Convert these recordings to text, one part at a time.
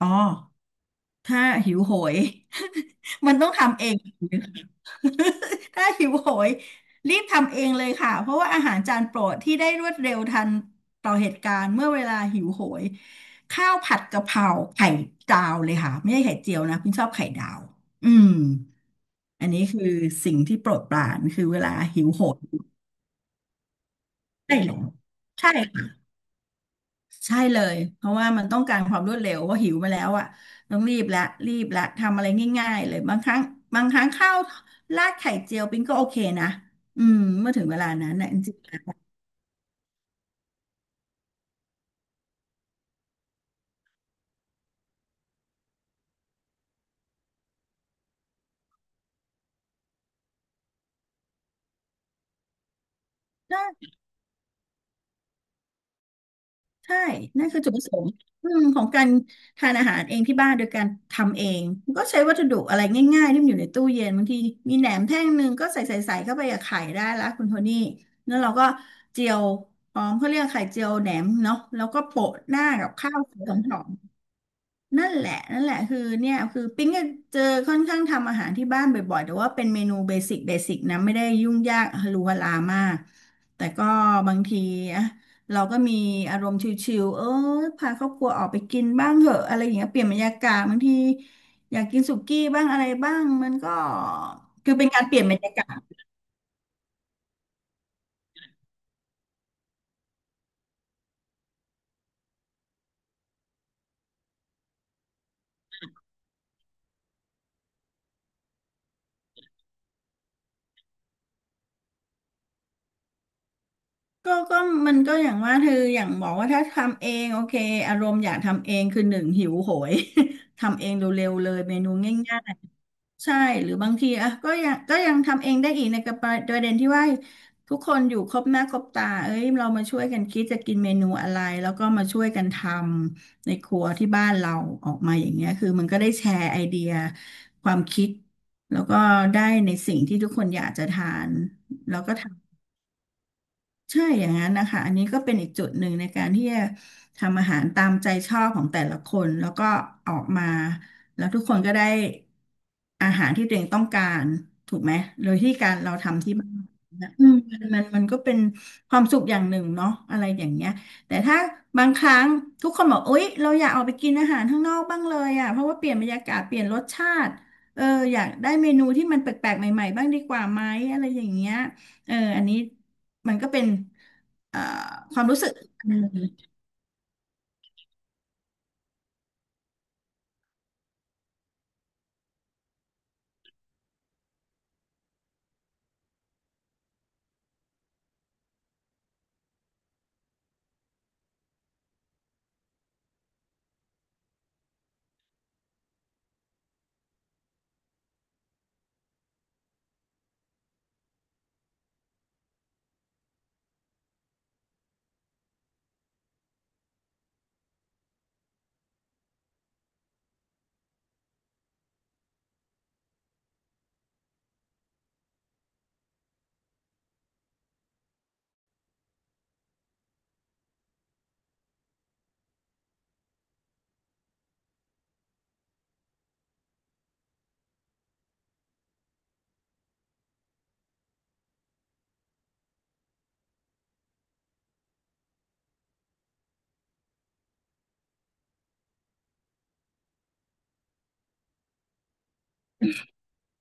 อ๋อถ้าหิวโหย มันต้องทำเอง ถ้าหิวโหยรีบทำเองเลยค่ะเพราะว่าอาหารจานโปรดที่ได้รวดเร็วทันต่อเหตุการณ์เมื่อเวลาหิวโหยข้าวผัดกะเพราไข่ดาวเลยค่ะไม่ใช่ไข่เจียวนะพี่ชอบไข่ดาวอืมอันนี้คือสิ่งที่โปรดปรานคือเวลาหิวโหยได้แล้วใช่ ใช่เลยเพราะว่ามันต้องการความรวดเร็วว่าหิวมาแล้วอ่ะต้องรีบละรีบละทำอะไรง่ายๆเลยบางครั้งข้าวราดไข่เจียวปิ้งก็โอเคนะเมื่อถึงเวลานั้นนะจริงๆแล้วใช่ใช่นั่นคือจุดประสงค์ของการทานอาหารเองที่บ้านโดยการทำเองก็ใช้วัตถุดิบอะไรง่ายๆที่มันอยู่ในตู้เย็นบางทีมีแหนมแท่งหนึ่งก็ใส่เข้าไปกับไข่ได้ละคุณโทนี่แล้วเราก็เจียวพร้อมเขาเรียกไข่เจียวแหนมเนาะแล้วก็โปะหน้ากับข้าวสวยหอม นั่นแหละนั่นแหละคือเนี่ยคือปิ๊งก็เจอค่อนข้างทำอาหารที่บ้านบ่อยๆแต่ว่าเป็นเมนูเบสิกเบสิกนะไม่ได้ยุ่งยากฮาลูฮาลามากแต่ก็บางทีอะเราก็มีอารมณ์ชิลๆเออพาครอบครัวออกไปกินบ้างเหอะอะไรอย่างเงี้ยเปลี่ยนบรรยากาศบางทีอยากกินสุกี้บ้างอะไรบ้างมันก็คือเป็นการเปลี่ยนบรรยากาศก็มันก็อย่างว่าเธออย่างบอกว่าถ้าทำเองโอเคอารมณ์อยากทำเองคือหนึ่งหิวโหย ทำเองเร็วๆเลยเมนูง่ายๆ ใช่หรือบางทีอ่ะก็ยังทำเองได้อีกในกระประเด็นที่ว่าทุกคนอยู่ครบหน้าครบตาเอ้ยเรามาช่วยกันคิดจะกินเมนูอะไรแล้วก็มาช่วยกันทำในครัวที่บ้านเราออกมาอย่างเงี้ยคือมันก็ได้แชร์ไอเดียความคิดแล้วก็ได้ในสิ่งที่ทุกคนอยากจะทานแล้วก็ทำ ใช่อย่างนั้นนะคะอันนี้ก็เป็นอีกจุดหนึ่งในการที่จะทำอาหารตามใจชอบของแต่ละคนแล้วก็ออกมาแล้วทุกคนก็ได้อาหารที่ตัวเองต้องการถูกไหมโดยที่การเราทำที่บ้านนะมันก็เป็นความสุขอย่างหนึ่งเนาะอะไรอย่างเงี้ยแต่ถ้าบางครั้งทุกคนบอกอุ๊ยเราอยากออกไปกินอาหารข้างนอกบ้างเลยอ่ะเพราะว่าเปลี่ยนบรรยากาศเปลี่ยนรสชาติเอออยากได้เมนูที่มันแปลกๆใหม่ๆบ้างดีกว่าไหมอะไรอย่างเงี้ยเอออันนี้ มันก็เป็นเอ่อความรู้สึกอันหนึ่ง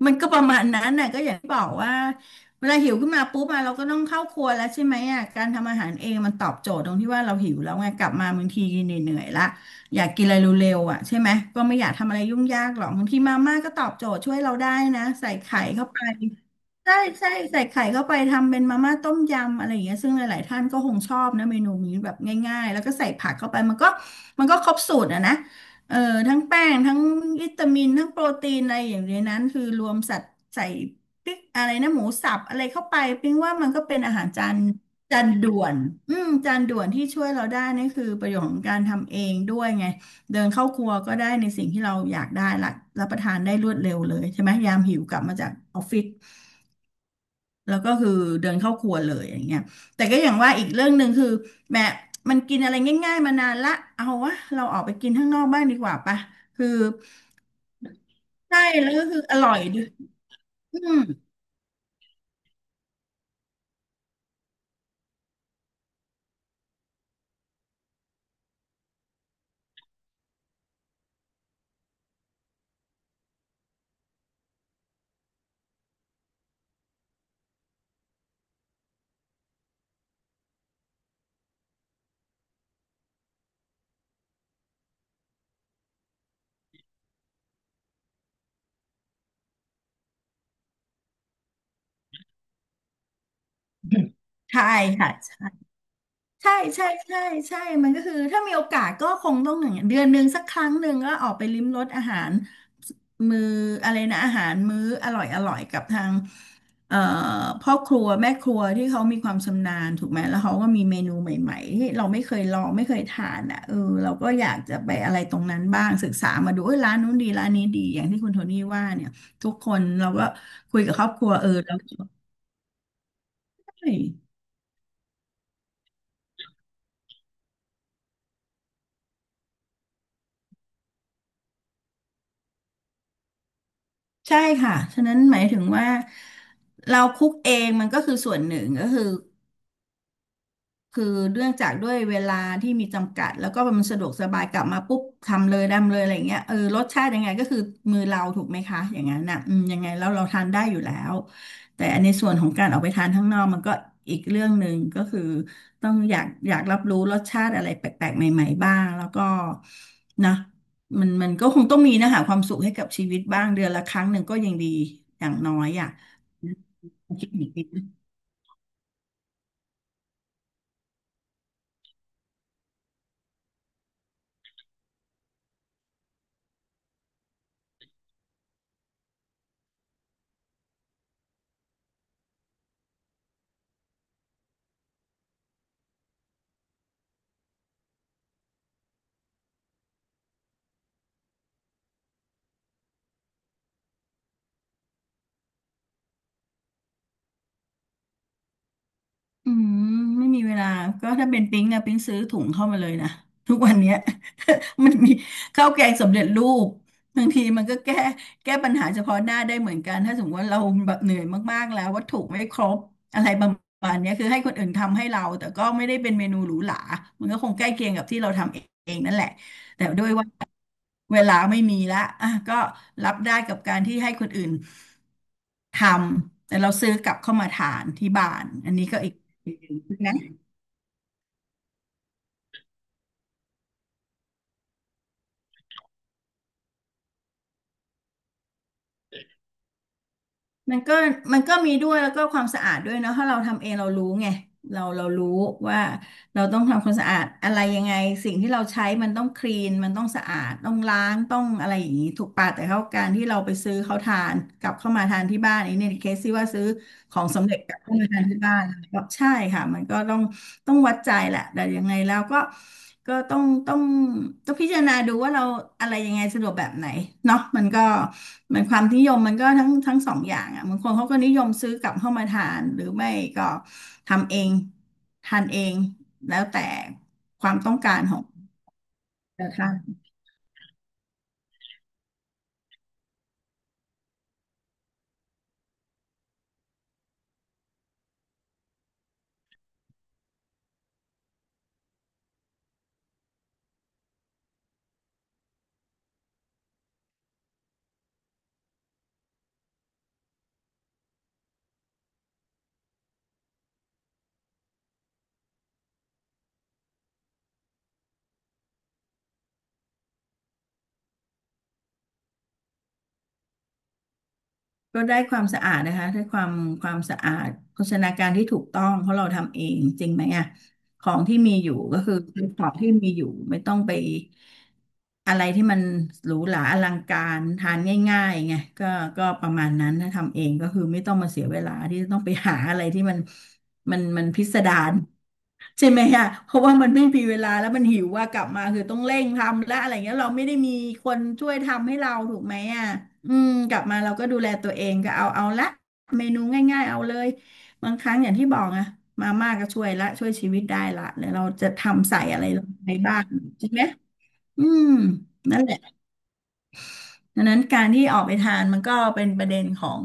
มันก็ประมาณนั้นน่ะก็อย่างที่บอกว่าเวลาหิวขึ้นมาปุ๊บอะเราก็ต้องเข้าครัวแล้วใช่ไหมอ่ะการทำอาหารเองมันตอบโจทย์ตรงที่ว่าเราหิวแล้วไงกลับมาบางทีเหนื่อยๆละอยากกินอะไรเร็วๆอ่ะใช่ไหมก็ไม่อยากทำอะไรยุ่งยากหรอกบางทีมาม่าก็ตอบโจทย์ช่วยเราได้นะใส่ไข่เข้าไปใช่ใช่ใส่ไข่เข้าไปทำเป็นมาม่าต้มยำอะไรอย่างเงี้ยซึ่งหลายๆท่านก็คงชอบนะเมนูนี้แบบง่ายๆแล้วก็ใส่ผักเข้าไปมันก็มันก็ครบสูตรอะนะ เออทั้งแป้งทั้งวิตามินทั้งโปรตีนอะไรอย่างในนั้นคือรวมสัตว์ใส่ปิ๊กอะไรนะหมูสับอะไรเข้าไปปิ๊งว่ามันก็เป็นอาหารจานจานด่วนจานด่วนที่ช่วยเราได้นี่คือประโยชน์ของการทำเองด้วยไงเดินเข้าครัวก็ได้ในสิ่งที่เราอยากได้ละรับประทานได้รวดเร็วเลยใช่ไหมยามหิวกลับมาจากออฟฟิศ แล้วก็คือเดินเข้าครัวเลยอย่างเงี้ยแต่ก็อย่างว่าอีกเรื่องหนึ่งคือแม่มันกินอะไรง่ายๆมานานละเอาวะเราออกไปกินข้างนอกบ้างดีกว่าปะคือใช่แล้วก็คืออร่อยด้วยอืมใช่ค่ะ ใช่ใช่ใช่ใช่มันก็คือถ้ามีโอกาสก็คงต้องอย่างเงี้ยเดือนหนึ่งสักครั้งหนึ่งก็ออกไปลิ้มรสอาหารมื้ออะไรนะอาหารมื้ออร่อยอร่อยกับทางเอ่อพ่อครัวแม่ครัวที่เขามีความชำนาญถูกไหมแล้วเขาก็มีเมนูใหม่ๆที่เราไม่เคยลองไม่เคยทานอ่ะเออเราก็อยากจะไปอะไรตรงนั้นบ้างศึกษามาดูเอ้ยร้านนู้นดีร้านนี้ดีอย่างที่คุณโทนี่ว่าเนี่ยทุกคนเราก็คุยกับครอบครัวเออแล้วใช่ ใช่ค่ะ ฉะนั้นหมายถึงว่าเราคุกเองมันก็คือส่วนหนึ่งก็คือ คือเรื่องจากด้วยเวลาที่มีจำกัดแล้วก็มันสะดวกสบายกลับมาปุ๊บทำเลยทำเลยอะไรอย่างเงี้ยรสชาติยังไงก็คือมือเราถูกไหมคะอย่างนั้นน่ะอืมยังไงแล้วเราทานได้อยู่แล้วแต่ในส่วนของการออกไปทานข้างนอกมันก็อีกเรื่องหนึ่งก็คือต้องอยากอยากรับรู้รสชาติอะไรแปลกๆใหม่ๆบ้างแล้วก็นะมันก็คงต้องมีนะหาความสุขให้กับชีวิตบ้างเดือนละครั้งหนึ่งก็ยังดีอย่างน้อยอ่ะ อืมไม่มีเวลาก็ถ้าเป็นปิ๊งอะปิ๊งซื้อถุงเข้ามาเลยนะ ทุกวันเนี้ย มันมีข้าวแกงสำเร็จรูปบางทีมันก็แก้ปัญหาเฉพาะหน้าได้เหมือนกันถ้าสมมติว่าเราแบบเหนื่อยมากๆแล้ววัตถุไม่ครบอะไรประมาณเนี้ยคือให้คนอื่นทำให้เราแต่ก็ไม่ได้เป็นเมนูหรูหรามันก็คงใกล้เคียงกับที่เราทำเองนั่นแหละแต่ด้วยว่าเวลาไม่มีละอ่ะก็รับได้กับการที่ให้คนอื่น ทำแต่เราซื้อกลับเข้ามาทานที่บ้านอันนี้ก็อีกอย่างหนึ่งนะมันก็มันก็มีด้วยแล้วก็ความสะอาดด้วยเนอะถ้าเราทำเองเรารู้ไงเรารู้ว่า เราต้องทำความสะอาดอะไรยังไงสิ่งที่เราใช้มันต้องคลีนมันต้องสะอาดต้องล้างต้องอะไรอย่างนี้ถูกปะแต่เขาการที่เราไปซื้อเขาทานกลับเข้ามาทานที่บ้านอันนี้ในเคสที่ว่าซื้อของสำเร็จกลับเข้ามาทานที่บ้านก็ใช่ค่ะมันก็ต้องวัดใจแหละแต่ยังไงแล้วก็ก็ต้องพิจารณาดูว่าเราอะไรยังไงสะดวกแบบไหนเนาะมันก็มันความนิยมมันก็ทั้งสองอย่างอ่ะบางคนเขาก็นิยมซื้อกลับเข้ามาทานหรือไม่ก็ทำเอง ทานเองแล้วแต่ความต้องการของนะคะก็ได้ความสะอาดนะคะได้ความสะอาดโภชนาการที่ถูกต้องเพราะเราทำเองจริงไหมอ่ะของที่มีอยู่ก็คือของที่มีอยู่ไม่ต้องไปอะไรที่มันหรูหราอลังการทานง่ายๆไงก็ก็ประมาณนั้นถ้าทำเองก็คือไม่ต้องมาเสียเวลาที่จะต้องไปหาอะไรที่มันพิสดาร ใช่ไหมอะเพราะว่ามันไม่มีเวลาแล้วมันหิวว่ากลับมาคือต้องเร่งทำและอะไรเงี้ยเราไม่ได้มีคนช่วยทำให้เราถูกไหมอ่ะอืมกลับมาเราก็ดูแลตัวเองก็เอาละเมนูง่ายๆเอาเลยบางครั้งอย่างที่บอกอะมาม่าก็ช่วยละช่วยชีวิตได้ละเดี๋ยวเราจะทำใส่อะไรลงไปบ้างใช่ไหมอืมนั่นแหละ ดังนั้นการที่ออกไปทานมันก็เป็นประเด็นของ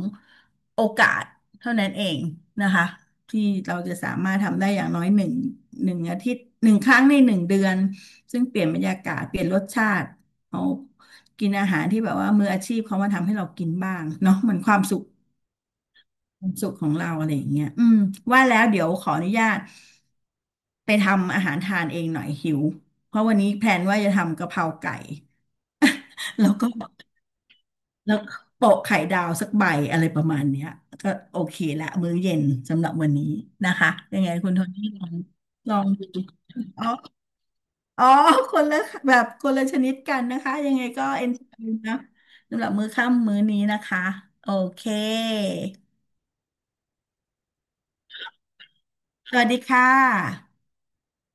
โอกาสเท่านั้นเองนะคะที่เราจะสามารถทำได้อย่างน้อยหนึ่งอาทิตย์หนึ่งครั้งในหนึ่งเดือนซึ่งเปลี่ยนบรรยากาศเปลี่ยนรสชาติเอากินอาหารที่แบบว่ามืออาชีพเขามาทำให้เรากินบ้างเนาะเหมือนความสุขของเราอะไรอย่างเงี้ยอืมว่าแล้วเดี๋ยวขออนุญาตไปทำอาหารทานเองหน่อยหิวเพราะวันนี้แพลนว่าจะทำกะเพราไก่แล้วก็ แล้วโปะไข่ดาวสักใบอะไรประมาณเนี้ยก็โอเคละมื้อเย็นสำหรับวันนี้นะคะยังไงคุณโทนี่ลองดูอ๋ออ๋อคนละคนละชนิดกันนะคะยังไงก็เอนจอยนะสำหรับมื้อค่ำมื้อนี้นะคะโอเคสวัสดีค่ะ